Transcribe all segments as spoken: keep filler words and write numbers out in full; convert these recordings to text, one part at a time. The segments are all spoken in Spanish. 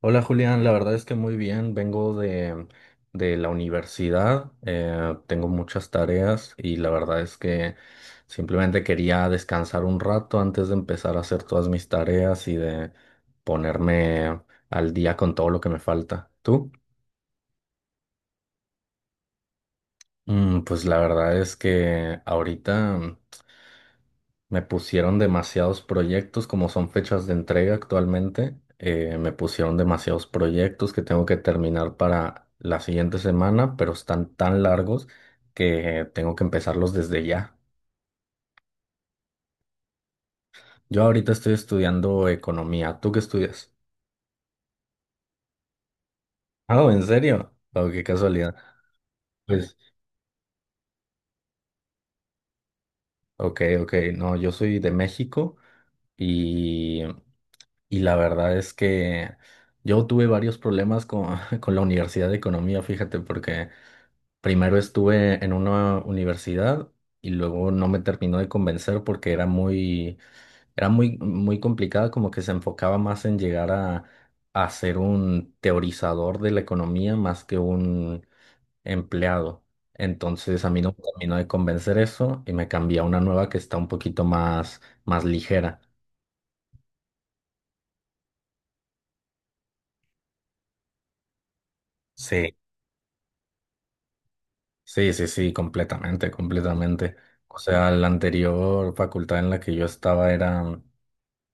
Hola Julián, la verdad es que muy bien, vengo de, de la universidad, eh, tengo muchas tareas y la verdad es que simplemente quería descansar un rato antes de empezar a hacer todas mis tareas y de ponerme al día con todo lo que me falta. ¿Tú? Mm, pues la verdad es que ahorita me pusieron demasiados proyectos, como son fechas de entrega actualmente, eh, me pusieron demasiados proyectos que tengo que terminar para la siguiente semana, pero están tan largos que tengo que empezarlos desde ya. Yo ahorita estoy estudiando economía. ¿Tú qué estudias? Ah, ¿en serio? Oh, qué casualidad. Pues, ok, ok. No, yo soy de México y, y, la verdad es que yo tuve varios problemas con, con la Universidad de Economía, fíjate, porque... Primero estuve en una universidad y luego no me terminó de convencer porque era muy, era muy, muy complicada, como que se enfocaba más en llegar a, a ser un teorizador de la economía más que un empleado. Entonces a mí no me terminó de convencer eso y me cambié a una nueva que está un poquito más, más ligera. Sí. Sí, sí, sí, completamente, completamente. O sea, la anterior facultad en la que yo estaba era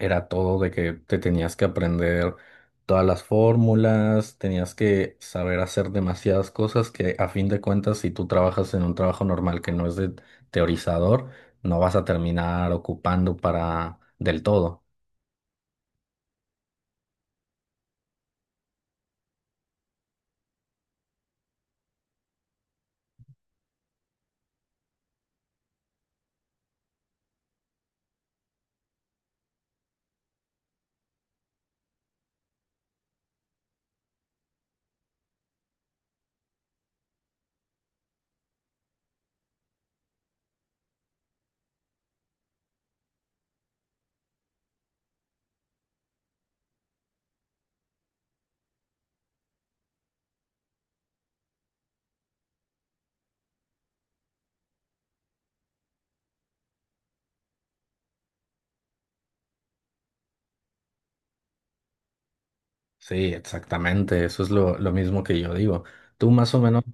era todo de que te tenías que aprender todas las fórmulas, tenías que saber hacer demasiadas cosas que a fin de cuentas, si tú trabajas en un trabajo normal que no es de teorizador, no vas a terminar ocupando para del todo. Sí, exactamente, eso es lo, lo mismo que yo digo. Tú más o menos.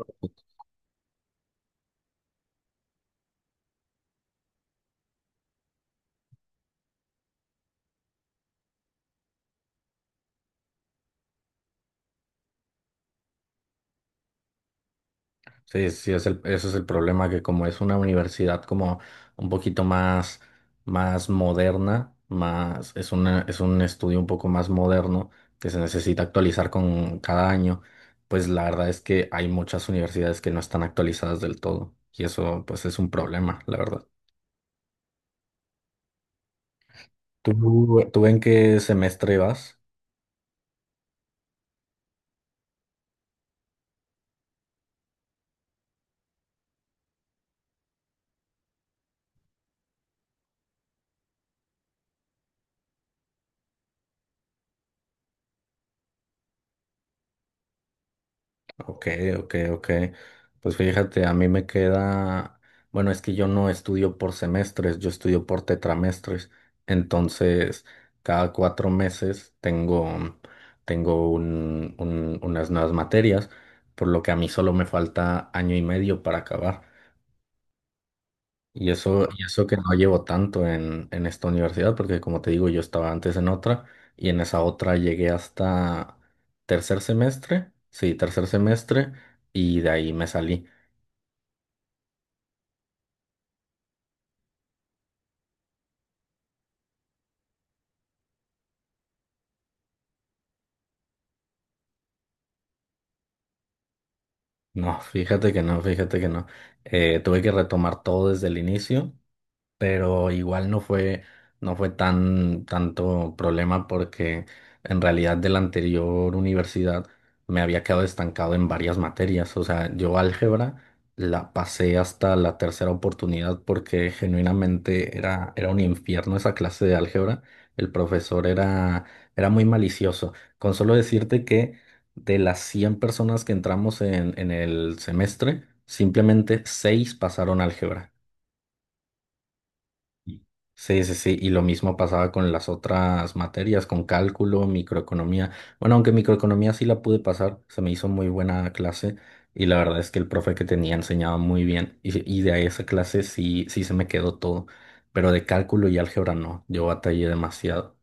Sí, sí, es el, ese es el problema, que como es una universidad como un poquito más, más moderna, más, es una, es un estudio un poco más moderno que se necesita actualizar con cada año, pues la verdad es que hay muchas universidades que no están actualizadas del todo y eso pues es un problema, la verdad. ¿Tú, tú en qué semestre vas? Ok, ok, ok. Pues fíjate, a mí me queda, bueno, es que yo no estudio por semestres, yo estudio por tetramestres. Entonces, cada cuatro meses tengo, tengo un- un- unas nuevas materias, por lo que a mí solo me falta año y medio para acabar. Y eso, y eso que no llevo tanto en, en esta universidad, porque como te digo, yo estaba antes en otra y en esa otra llegué hasta tercer semestre, sí, tercer semestre, y de ahí me salí. No, fíjate que no, fíjate que no. Eh, tuve que retomar todo desde el inicio pero igual no fue, no fue tan tanto problema porque en realidad de la anterior universidad me había quedado estancado en varias materias. O sea, yo álgebra la pasé hasta la tercera oportunidad porque genuinamente era, era un infierno esa clase de álgebra. El profesor era, era muy malicioso. Con solo decirte que de las cien personas que entramos en, en el semestre, simplemente seis pasaron álgebra. Sí, sí, sí, y lo mismo pasaba con las otras materias, con cálculo, microeconomía. Bueno, aunque microeconomía sí la pude pasar, se me hizo muy buena clase y la verdad es que el profe que tenía enseñaba muy bien y, y de ahí esa clase sí, sí se me quedó todo, pero de cálculo y álgebra no, yo batallé demasiado.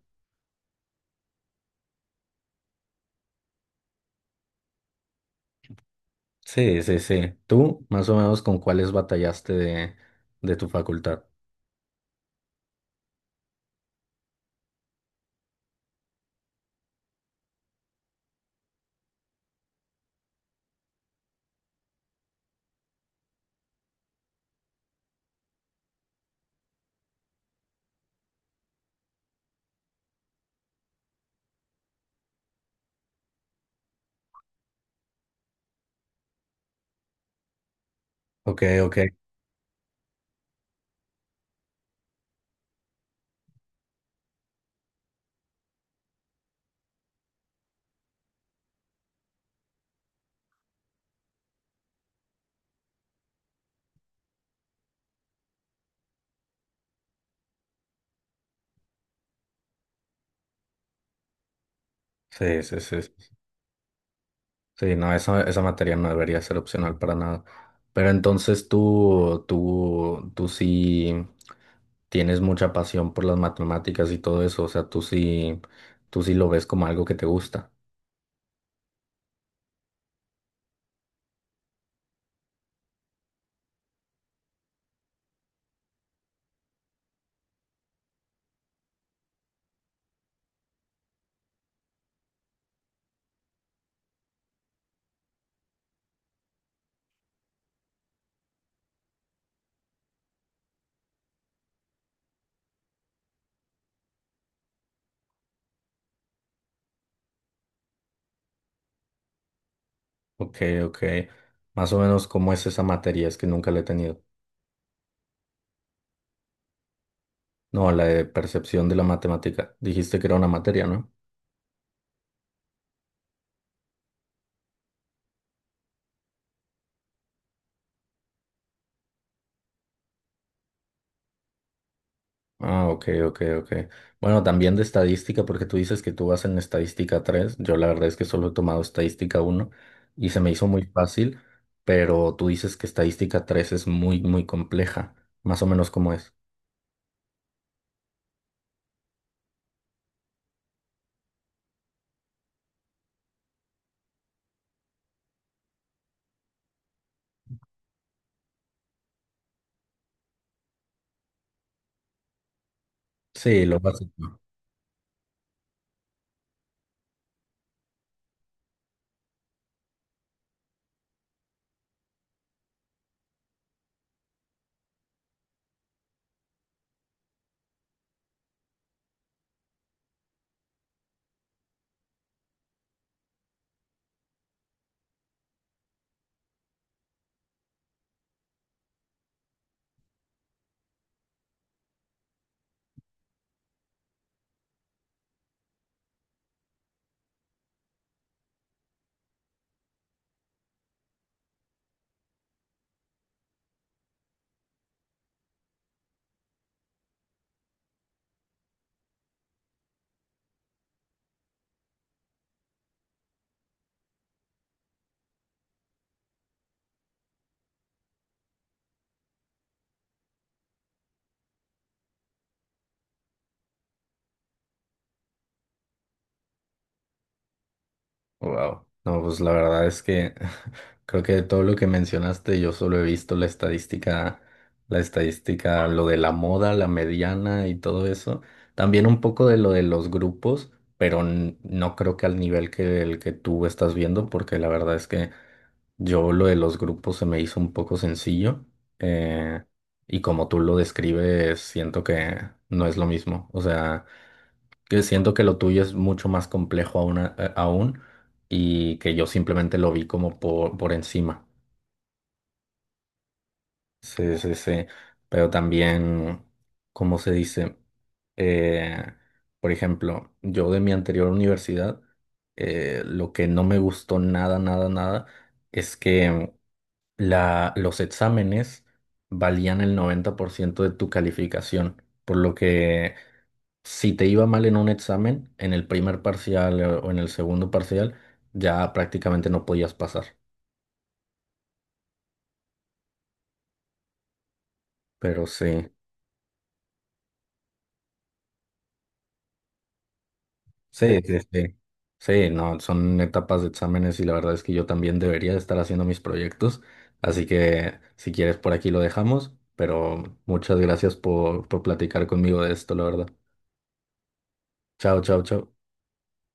Sí, sí, sí. ¿Tú más o menos con cuáles batallaste de, de tu facultad? Ok, ok. Sí, sí, sí. Sí, no, esa, esa materia no debería ser opcional para nada. Pero entonces tú, tú, tú sí tienes mucha pasión por las matemáticas y todo eso, o sea, tú sí, tú sí lo ves como algo que te gusta. Ok, ok. Más o menos, ¿cómo es esa materia? Es que nunca la he tenido. No, la de percepción de la matemática. Dijiste que era una materia, ¿no? Ah, ok, ok, ok. Bueno, también de estadística, porque tú dices que tú vas en estadística tres. Yo la verdad es que solo he tomado estadística uno y se me hizo muy fácil, pero tú dices que estadística tres es muy, muy compleja. Más o menos como es. Sí, lo básico. Wow. No, pues la verdad es que creo que de todo lo que mencionaste, yo solo he visto la estadística, la estadística, lo de la moda, la mediana y todo eso. También un poco de lo de los grupos, pero n- no creo que al nivel que el que tú estás viendo, porque la verdad es que yo lo de los grupos se me hizo un poco sencillo. eh, y como tú lo describes, siento que no es lo mismo. O sea, que siento que lo tuyo es mucho más complejo aún, a- aún y que yo simplemente lo vi como por, por encima. Sí, sí, sí. Pero también, ¿cómo se dice? Eh, por ejemplo, yo de mi anterior universidad, eh, lo que no me gustó nada, nada, nada, es que la, los exámenes valían el noventa por ciento de tu calificación, por lo que si te iba mal en un examen, en el primer parcial eh, o en el segundo parcial, ya prácticamente no podías pasar. Pero sí. Sí, sí, sí. Sí, no, son etapas de exámenes y la verdad es que yo también debería estar haciendo mis proyectos. Así que si quieres por aquí lo dejamos, pero muchas gracias por, por platicar conmigo de esto, la verdad. Chao, chao, chao.